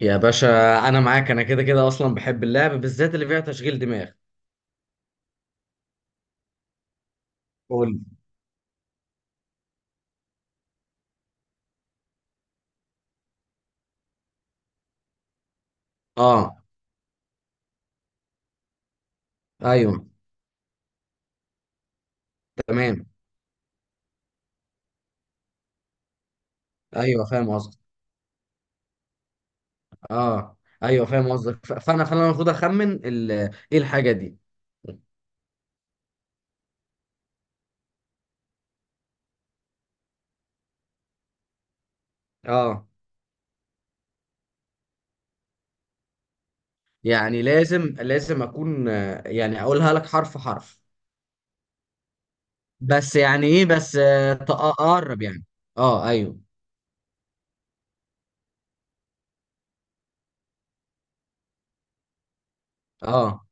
يا باشا، انا معاك. انا كده كده اصلا بحب اللعب، بالذات اللي فيها تشغيل دماغ. قول لي. اه. ايوه. تمام. ايوه فاهم قصدك. اه ايوه فاهم قصدك، فانا المفروض اخمن ايه الحاجه دي. اه يعني لازم اكون، يعني اقولها لك حرف حرف. بس يعني ايه؟ بس تقرب يعني. اه ايوه. اه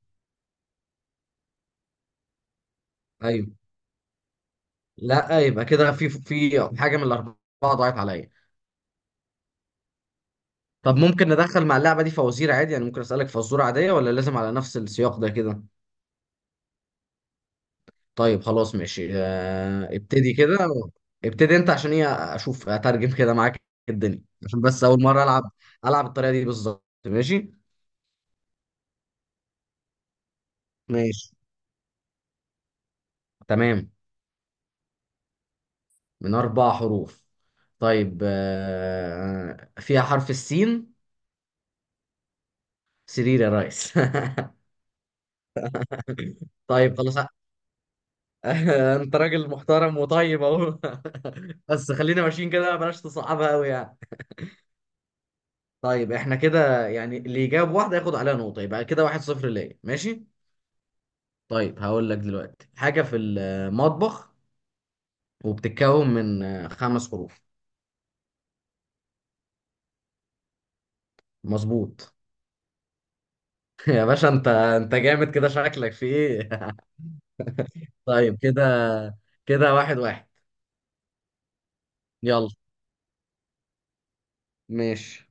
ايوه. لا، يبقى كده في حاجه من الاربعه ضاعت عليا. طب ممكن ندخل مع اللعبة دي فوازير عادي؟ يعني ممكن أسألك فزورة عادية، ولا لازم على نفس السياق ده كده؟ طيب خلاص ماشي، ابتدي كده. ابتدي انت عشان ايه؟ اشوف اترجم كده معاك الدنيا، عشان بس اول مرة العب. العب الطريقة دي بالظبط ماشي. ماشي. تمام. من اربع حروف. طيب، فيها حرف السين؟ سرير يا ريس. طيب خلاص. انت راجل محترم وطيب اهو. بس خلينا ماشيين كده، بلاش تصعبها قوي يعني. طيب احنا كده يعني اللي يجاوب واحدة ياخد عليها نقطة، يبقى كده واحد صفر ليا ماشي. طيب هقول لك دلوقتي حاجة في المطبخ، وبتتكون من خمس حروف. مظبوط. يا باشا، انت جامد كده، شكلك في ايه؟ طيب كده، كده واحد واحد. يلا. ماشي.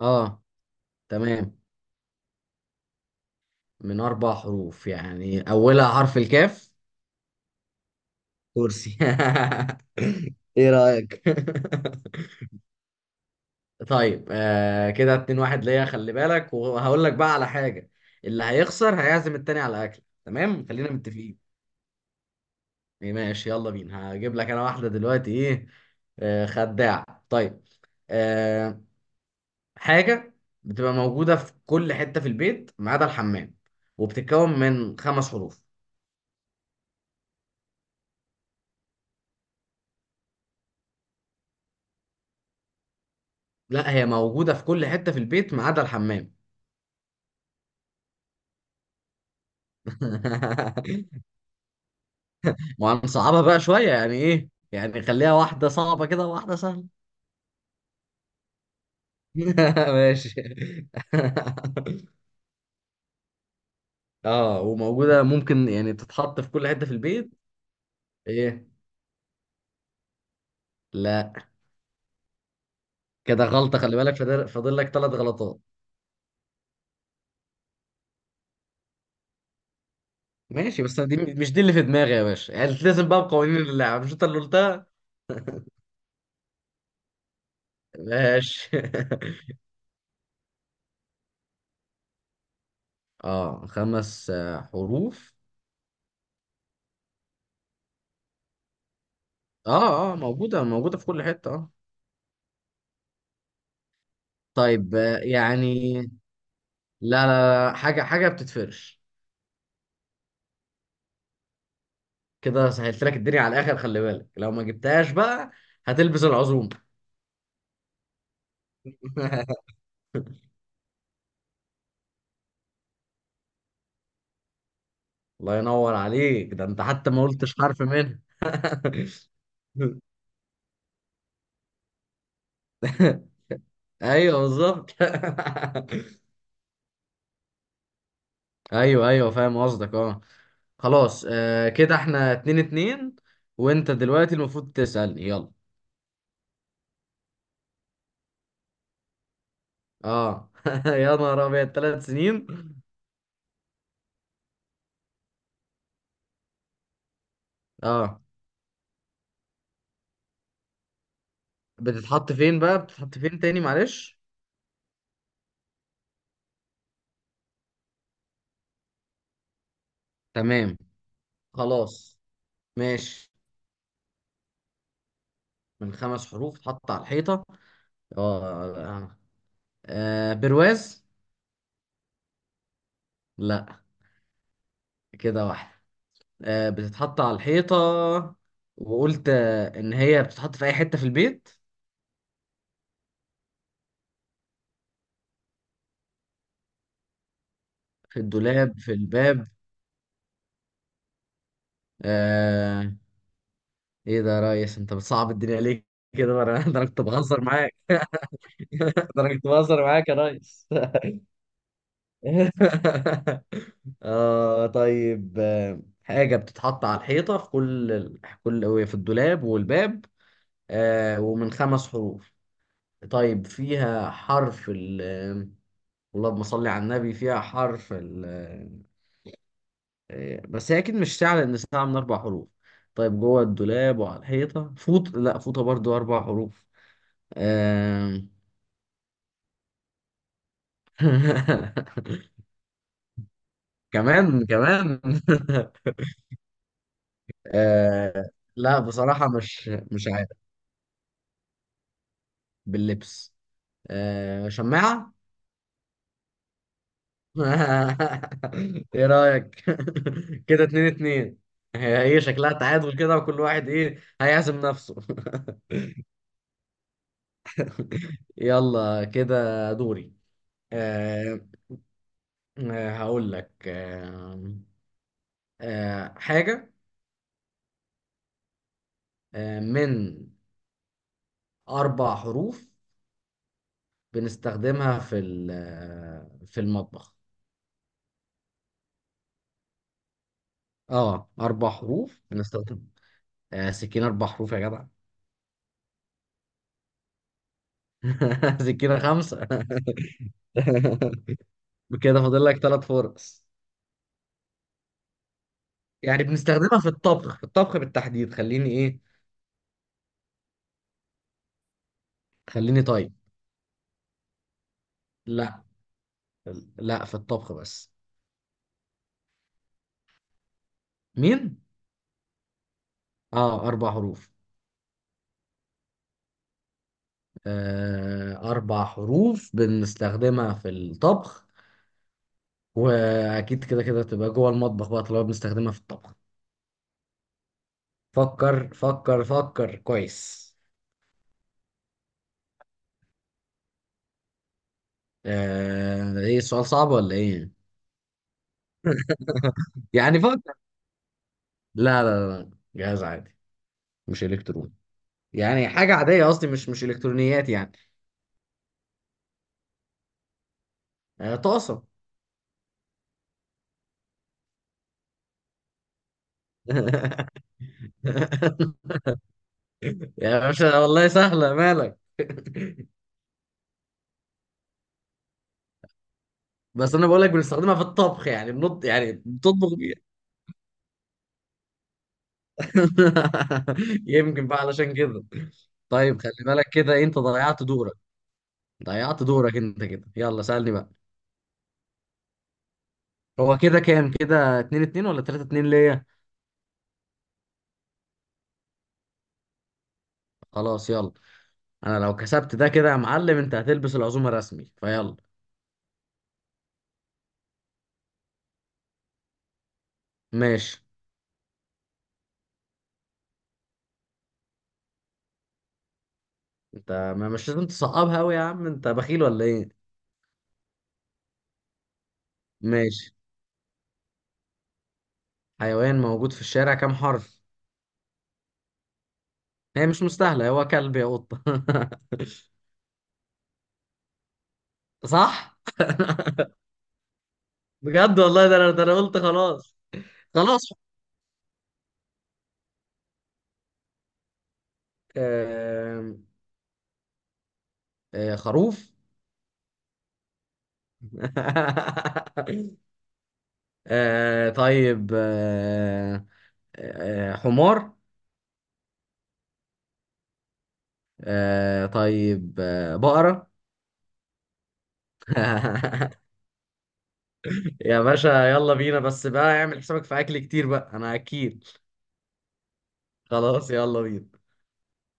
اه تمام. من اربع حروف يعني اولها حرف الكاف. كرسي. ايه رأيك؟ طيب آه، كده اتنين واحد ليا، خلي بالك. وهقول لك بقى على حاجة. اللي هيخسر هيعزم التاني على أكل، تمام؟ خلينا متفقين. ماشي يلا بينا. هجيب لك أنا واحدة دلوقتي. إيه آه، خداع. طيب. آه، حاجة بتبقى موجودة في كل حتة في البيت ما عدا الحمام، وبتتكون من خمس حروف. لا، هي موجودة في كل حتة في البيت ما عدا الحمام. وهنصعبها بقى شوية، يعني إيه؟ يعني خليها واحدة صعبة كده وواحدة سهلة. ماشي. اه، وموجودة ممكن يعني تتحط في كل حتة في البيت. ايه؟ لا. كده غلطة، خلي بالك. فاضل لك ثلاث غلطات. ماشي، بس دي مش دي اللي في دماغي يا باشا. يعني لازم بقى بقوانين اللعب، مش انت اللي قلتها. ماشي. اه خمس حروف. اه اه، موجودة في كل حتة، اه. طيب، يعني لا لا لا، حاجة بتتفرش. كده سهلت لك الدنيا على الآخر، خلي بالك لو ما جبتهاش بقى هتلبس العزوم. الله ينور عليك، ده انت حتى ما قلتش حرف منها. ايوه بالظبط. ايوه ايوه فاهم قصدك، اه. خلاص آه، كده احنا اتنين اتنين. وانت دلوقتي المفروض تسألني يلا. اه. يا نهار ابيض، تلات سنين؟ اه. بتتحط فين بقى؟ بتتحط فين تاني معلش؟ تمام. خلاص. ماشي. من خمس حروف. اتحط على الحيطة. اه آه. برواز. لا. كده واحدة. بتتحط على الحيطة، وقلت إن هي بتتحط في أي حتة في البيت، في الدولاب، في الباب. آه. إيه ده يا ريس، أنت بتصعب الدنيا ليه؟ كده ده أنا ده أنا كنت بهزر معاك. ده أنا كنت بهزر معاك يا ريس. آه طيب، حاجة بتتحط على الحيطة في كل كل في الدولاب والباب. آه، ومن خمس حروف. طيب فيها حرف ال اللهم صل على النبي، فيها حرف ال بس هي اكيد مش ساعة، لان ساعة من اربع حروف. طيب جوه الدولاب وعلى الحيطة، فوط، لا فوطة برضو اربع حروف. آم، كمان كمان. آه، لا بصراحة مش عارف. باللبس. شماعة. ايه رأيك؟ كده اتنين اتنين. هي ايه شكلها؟ تعادل كده، وكل واحد ايه هيعزم نفسه. يلا كده دوري. آه، هقول لك، حاجة من أربع حروف، بنستخدمها في في المطبخ. اه، أربع حروف بنستخدم. سكينة أربع حروف يا جدع؟ سكينة خمسة. كده فاضل لك ثلاث فرص. يعني بنستخدمها في الطبخ، في الطبخ بالتحديد. خليني ايه. خليني طيب. لا، لا في الطبخ بس. مين؟ اه، أربع حروف. أربع حروف بنستخدمها في الطبخ، وأكيد كده كده تبقى جوه المطبخ بقى طالما بنستخدمها في الطبخ. فكر فكر فكر كويس. إيه، السؤال صعب ولا إيه؟ يعني فكر. لا لا لا، جهاز عادي، مش إلكتروني. يعني حاجة عادية قصدي، مش إلكترونيات يعني. طاسة. يا باشا والله سهلة، مالك؟ بس أنا بقول لك بنستخدمها في الطبخ، يعني بنط يعني بتطبخ بيها. يمكن بقى علشان كده. طيب خلي بالك كده، انت ضيعت دورك. ضيعت دورك انت كده، يلا سألني بقى. هو كده كام، كده 2-2 ولا 3-2 ليا؟ خلاص يلا. انا لو كسبت ده كده يا معلم، انت هتلبس العزومة رسمي فيلا. ماشي. انت ما مش لازم تصعبها قوي يا عم، انت بخيل ولا ايه؟ ماشي. حيوان موجود في الشارع، كام حرف؟ هي مش مستاهلة، هو كلب يا قطة. صح. بجد والله، ده انا قلت خلاص. خلاص. آه. خروف. طيب، حمار. طيب، بقرة. يا باشا يلا بينا، بس بقى اعمل حسابك في اكل كتير بقى انا اكيد. خلاص يلا بينا.